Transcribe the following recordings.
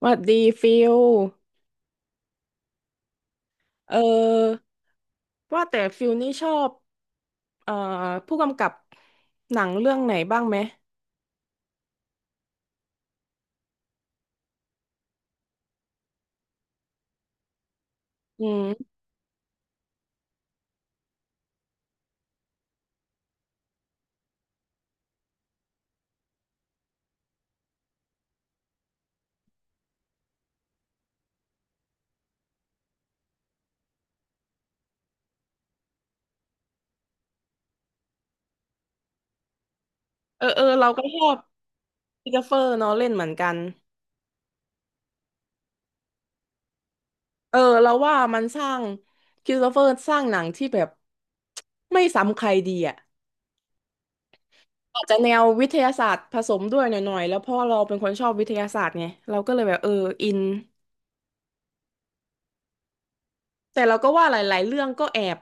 หวัดดีฟิลเออว่าแต่ฟิลนี่ชอบเอ่อผู้กำกับหนังเรื่องไหนบ้างไหมอืมเออเออเราก็ชอบคริสโตเฟอร์เนาะเล่นเหมือนกันเออเราว่ามันสร้างคริสโตเฟอร์สร้างหนังที่แบบไม่ซ้ำใครดีอ่ะอาจจะแนววิทยาศาสตร์ผสมด้วยหน่อยๆแล้วเพราะเราเป็นคนชอบวิทยาศาสตร์ไงเราก็เลยแบบเอออินแต่เราก็ว่าหลายๆเรื่องก็แอบ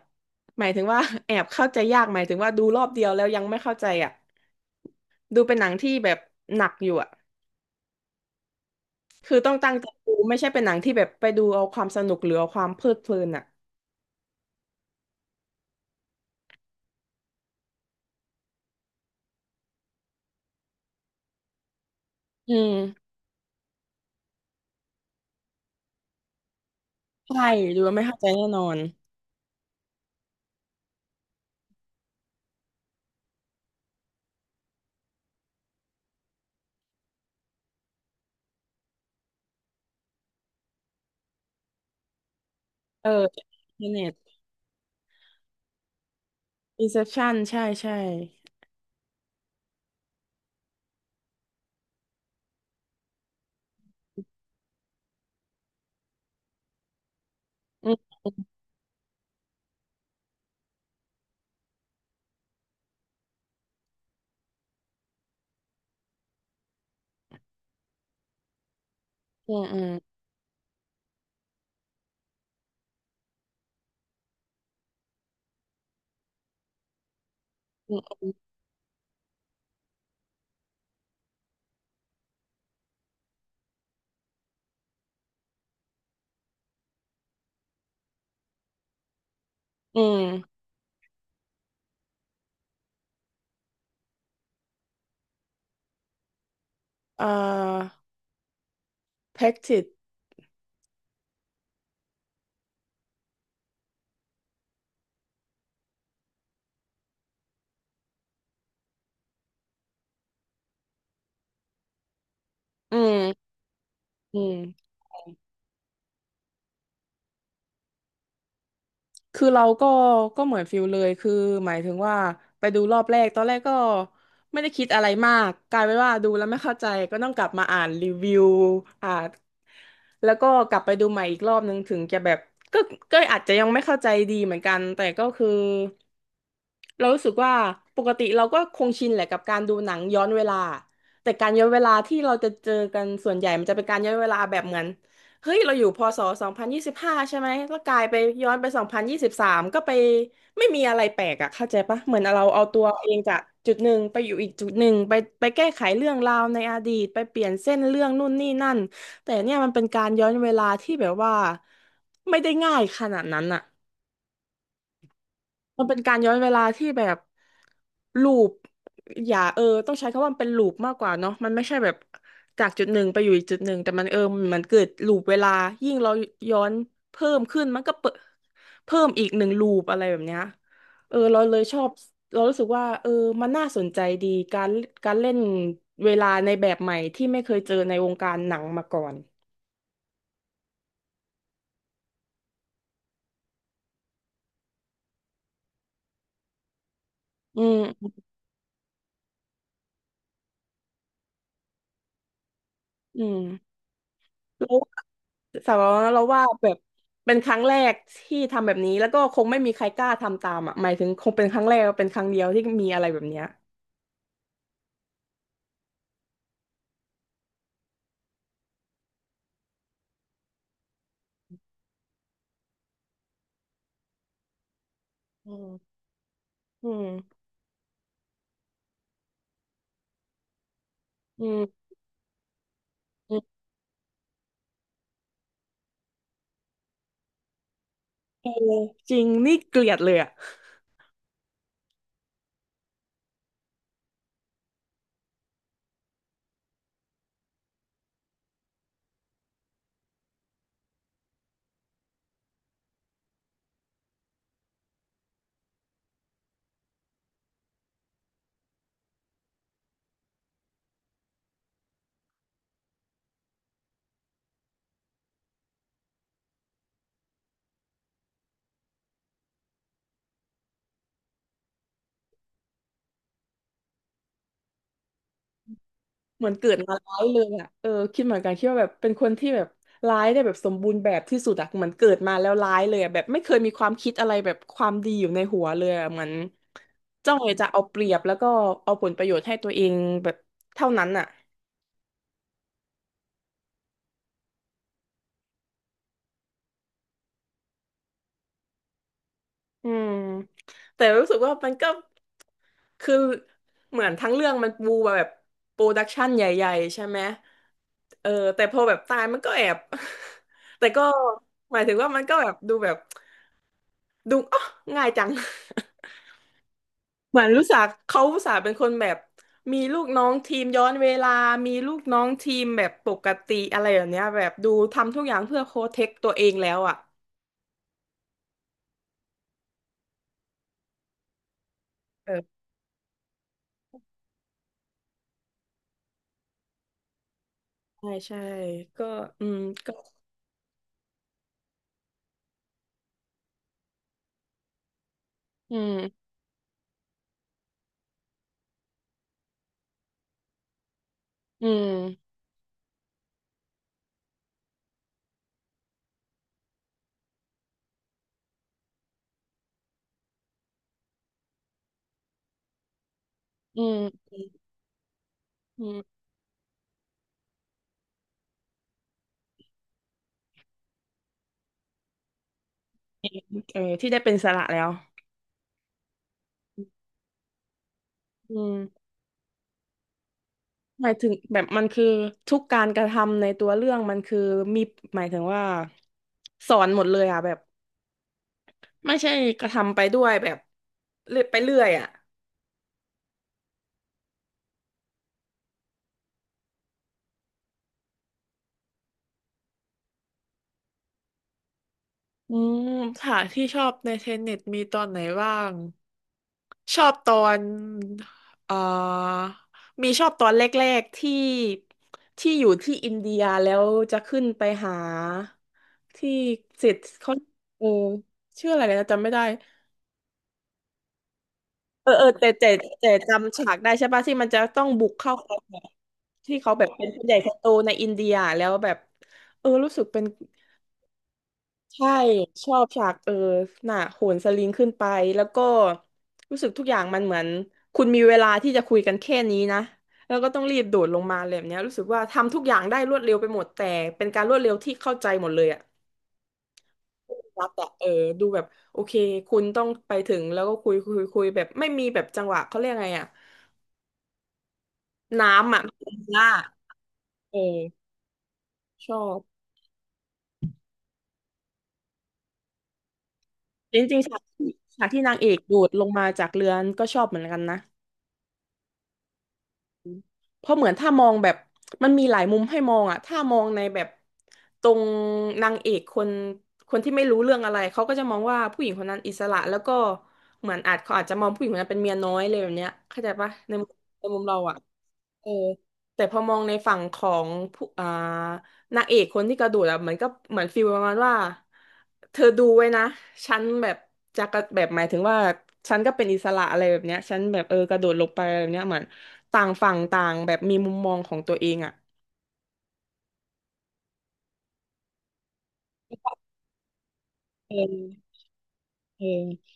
หมายถึงว่า แอบเข้าใจยากหมายถึงว่าดูรอบเดียวแล้วยังไม่เข้าใจอ่ะ ดูเป็นหนังที่แบบหนักอยู่อ่ะ คือต้องตั้งใจดูไม่ใช่เป็นหนังที่แบบไปดูเอาความสนุกหรือเอาความเพลิดเพลินอ่ะอืมใช่ดูแล้วไม่เข้าใจแน่นอน เออเน็ต Inception ใช่ใช่อืมอืมอืมอืมอืมเอ่อ Practice อืมอืม คือเราก็เหมือนฟิลเลยคือหมายถึงว่าไปดูรอบแรกตอนแรกก็ไม่ได้คิดอะไรมากกลายเป็นว่าดูแล้วไม่เข้าใจก็ต้องกลับมาอ่านรีวิวอ่านแล้วก็กลับไปดูใหม่อีกรอบนึงถึงจะแบบก็อาจจะยังไม่เข้าใจดีเหมือนกันแต่ก็คือเรารู้สึกว่าปกติเราก็คงชินแหละกับการดูหนังย้อนเวลาแต่การย้อนเวลาที่เราจะเจอกันส่วนใหญ่มันจะเป็นการย้อนเวลาแบบเหมือน เฮ้ยเราอยู่พศ2025ใช่ไหมแล้วกลายไปย้อนไป2023ก็ไปไม่มีอะไรแปลกอะเข้าใจปะเหมือนเราเอาตัวเองจากจุดหนึ่งไปอยู่อีกจุดหนึ่งไปแก้ไขเรื่องราวในอดีตไปเปลี่ยนเส้นเรื่องนู่นนี่นั่นแต่เนี่ยมันเป็นการย้อนเวลาที่แบบว่าไม่ได้ง่ายขนาดนั้นอะ มันเป็นการย้อนเวลาที่แบบลูปอย่าเออต้องใช้คำว่ามันเป็นลูปมากกว่าเนาะมันไม่ใช่แบบจากจุดหนึ่งไปอยู่อีกจุดหนึ่งแต่มันเออมันเกิดลูปเวลายิ่งเราย้อนเพิ่มขึ้นมันก็เพิ่มอีกหนึ่งลูปอะไรแบบเนี้ยเออเราเลยชอบเรารู้สึกว่าเออมันน่าสนใจดีการการเล่นเวลาในแบบใหม่ที่ไม่เคยเจอในวงการหนังมาก่อนอืมอืมแล้ว สำหรับเรานะเราว่าแบบเป็นครั้งแรกที่ทำแบบนี้แล้วก็คงไม่มีใครกล้าทำตามอ่ะหมายถึงคงเป็นครั้งแรกเป็นครั้งเดียวที่มีอะไรแบบเนี้ยอืมอืมอืมอืมเออจริงนี่เกลียดเลยอ่ะเหมือนเกิดมาร้ายเลยอ่ะเออคิดเหมือนกันคิดว่าแบบเป็นคนที่แบบร้ายได้แบบสมบูรณ์แบบที่สุดอ่ะเหมือนเกิดมาแล้วร้ายเลยอะแบบไม่เคยมีความคิดอะไรแบบความดีอยู่ในหัวเลยอะเหมือนจ้องจะเอาเปรียบแล้วก็เอาผลประโยชน์ให้ตัวเองแบบเท่านั้นอ่ะ อืมแต่รู้สึกว่ามันก็คือเหมือนทั้งเรื่องมันปูมาแบบโปรดักชันใหญ่ๆใช่ไหมเออแต่พอแบบตายมันก็แอบ แต่ก็หมายถึงว่ามันก็แบบดูแบบดูอ๋อง่ายจัง เหมือนรู้สึกเขาอุตส่าห์เป็นคนแบบมีลูกน้องทีมย้อนเวลา มีลูกน้องทีมแบบปกติอะไรแบบเนี้ยแบบดูทำทุกอย่างเพื่อโปรเทคตัวเองแล้วอ่ะเออใช่ใช่ก็อืมก็อืมอืม อืมอืมเออที่ได้เป็นอิสระแล้วอืมหมายถึงแบบมันคือทุกการกระทำในตัวเรื่องมันคือมีหมายถึงว่าสอนหมดเลยอ่ะแบบไม่ใช่กระทำไปด้วยแบบเรื่อยไปเรื่อยอ่ะ อืมค่ะที่ชอบในเทนเน็ตมีตอนไหนบ้างชอบตอนเอ่อมีชอบตอนแรกๆที่ที่อยู่ที่อินเดียแล้วจะขึ้นไปหาที่เสร็จเขาเออชื่ออะไรนะจำไม่ได้เออเออแต่จำฉากได้ใช่ปะที่มันจะต้องบุกเข้าไปแบบที่เขาแบบเป็นผู้ใหญ่คนโตในอินเดียแล้วแบบเออรู้สึกเป็น ใช่ชอบฉากเออน่ะโหนสลิงขึ้นไปแล้วก็รู้สึกทุกอย่างมันเหมือนคุณมีเวลาที่จะคุยกันแค่นี้นะแล้วก็ต้องรีบโดดลงมาเลยแบบเนี้ยรู้สึกว่าทำทุกอย่างได้รวดเร็วไปหมดแต่เป็นการรวดเร็วที่เข้าใจหมดเลยอะรักอะเออดูแบบโอเคคุณต้องไปถึงแล้วก็คุยคุยคุยแบบไม่มีแบบจังหวะเขาเรียกไงอะน้ำอะ ล่าเออชอบจริงๆฉากที่นางเอกโดดลงมาจากเรือนก็ชอบเหมือนกันนะ เพราะเหมือนถ้ามองแบบมันมีหลายมุมให้มองอะถ้ามองในแบบตรงนางเอกคนคนที่ไม่รู้เรื่องอะไรเขาก็จะมองว่าผู้หญิงคนนั้นอิสระแล้วก็เหมือนอาจเขาอาจจะมองผู้หญิงคนนั้นเป็นเมียน้อยเลยแบบเนี้ยเข้าใจปะในมุมเราอะเออแต่พอมองในฝั่งของผู้นางเอกคนที่กระโดดอะมันก็เหมือนฟีลประมาณว่าเธอดูไว้นะฉันแบบจะกระแบบหมายถึงว่าฉันก็เป็นอิสระอะไรแบบเนี้ยฉันแบบเออกระโดดลงไปอะไรแบบเนี้ยเหมือนต่างฝั่งต่างแบบมีมุมมองของตัวเองอะเออเออ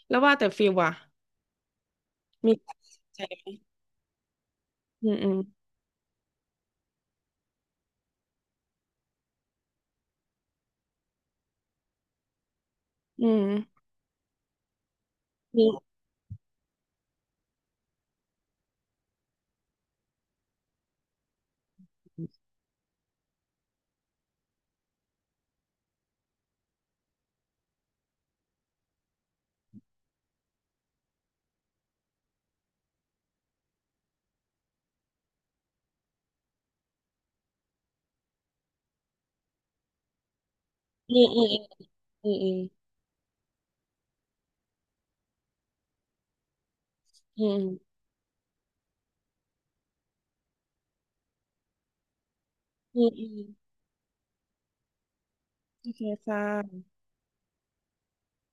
แล้วว่าแต่ฟีลว่ะมีใช่ไหมอืมอืมอืมอืมอืมอืมอืมอืมอืมอืมอืมอืมโอเคค่ะ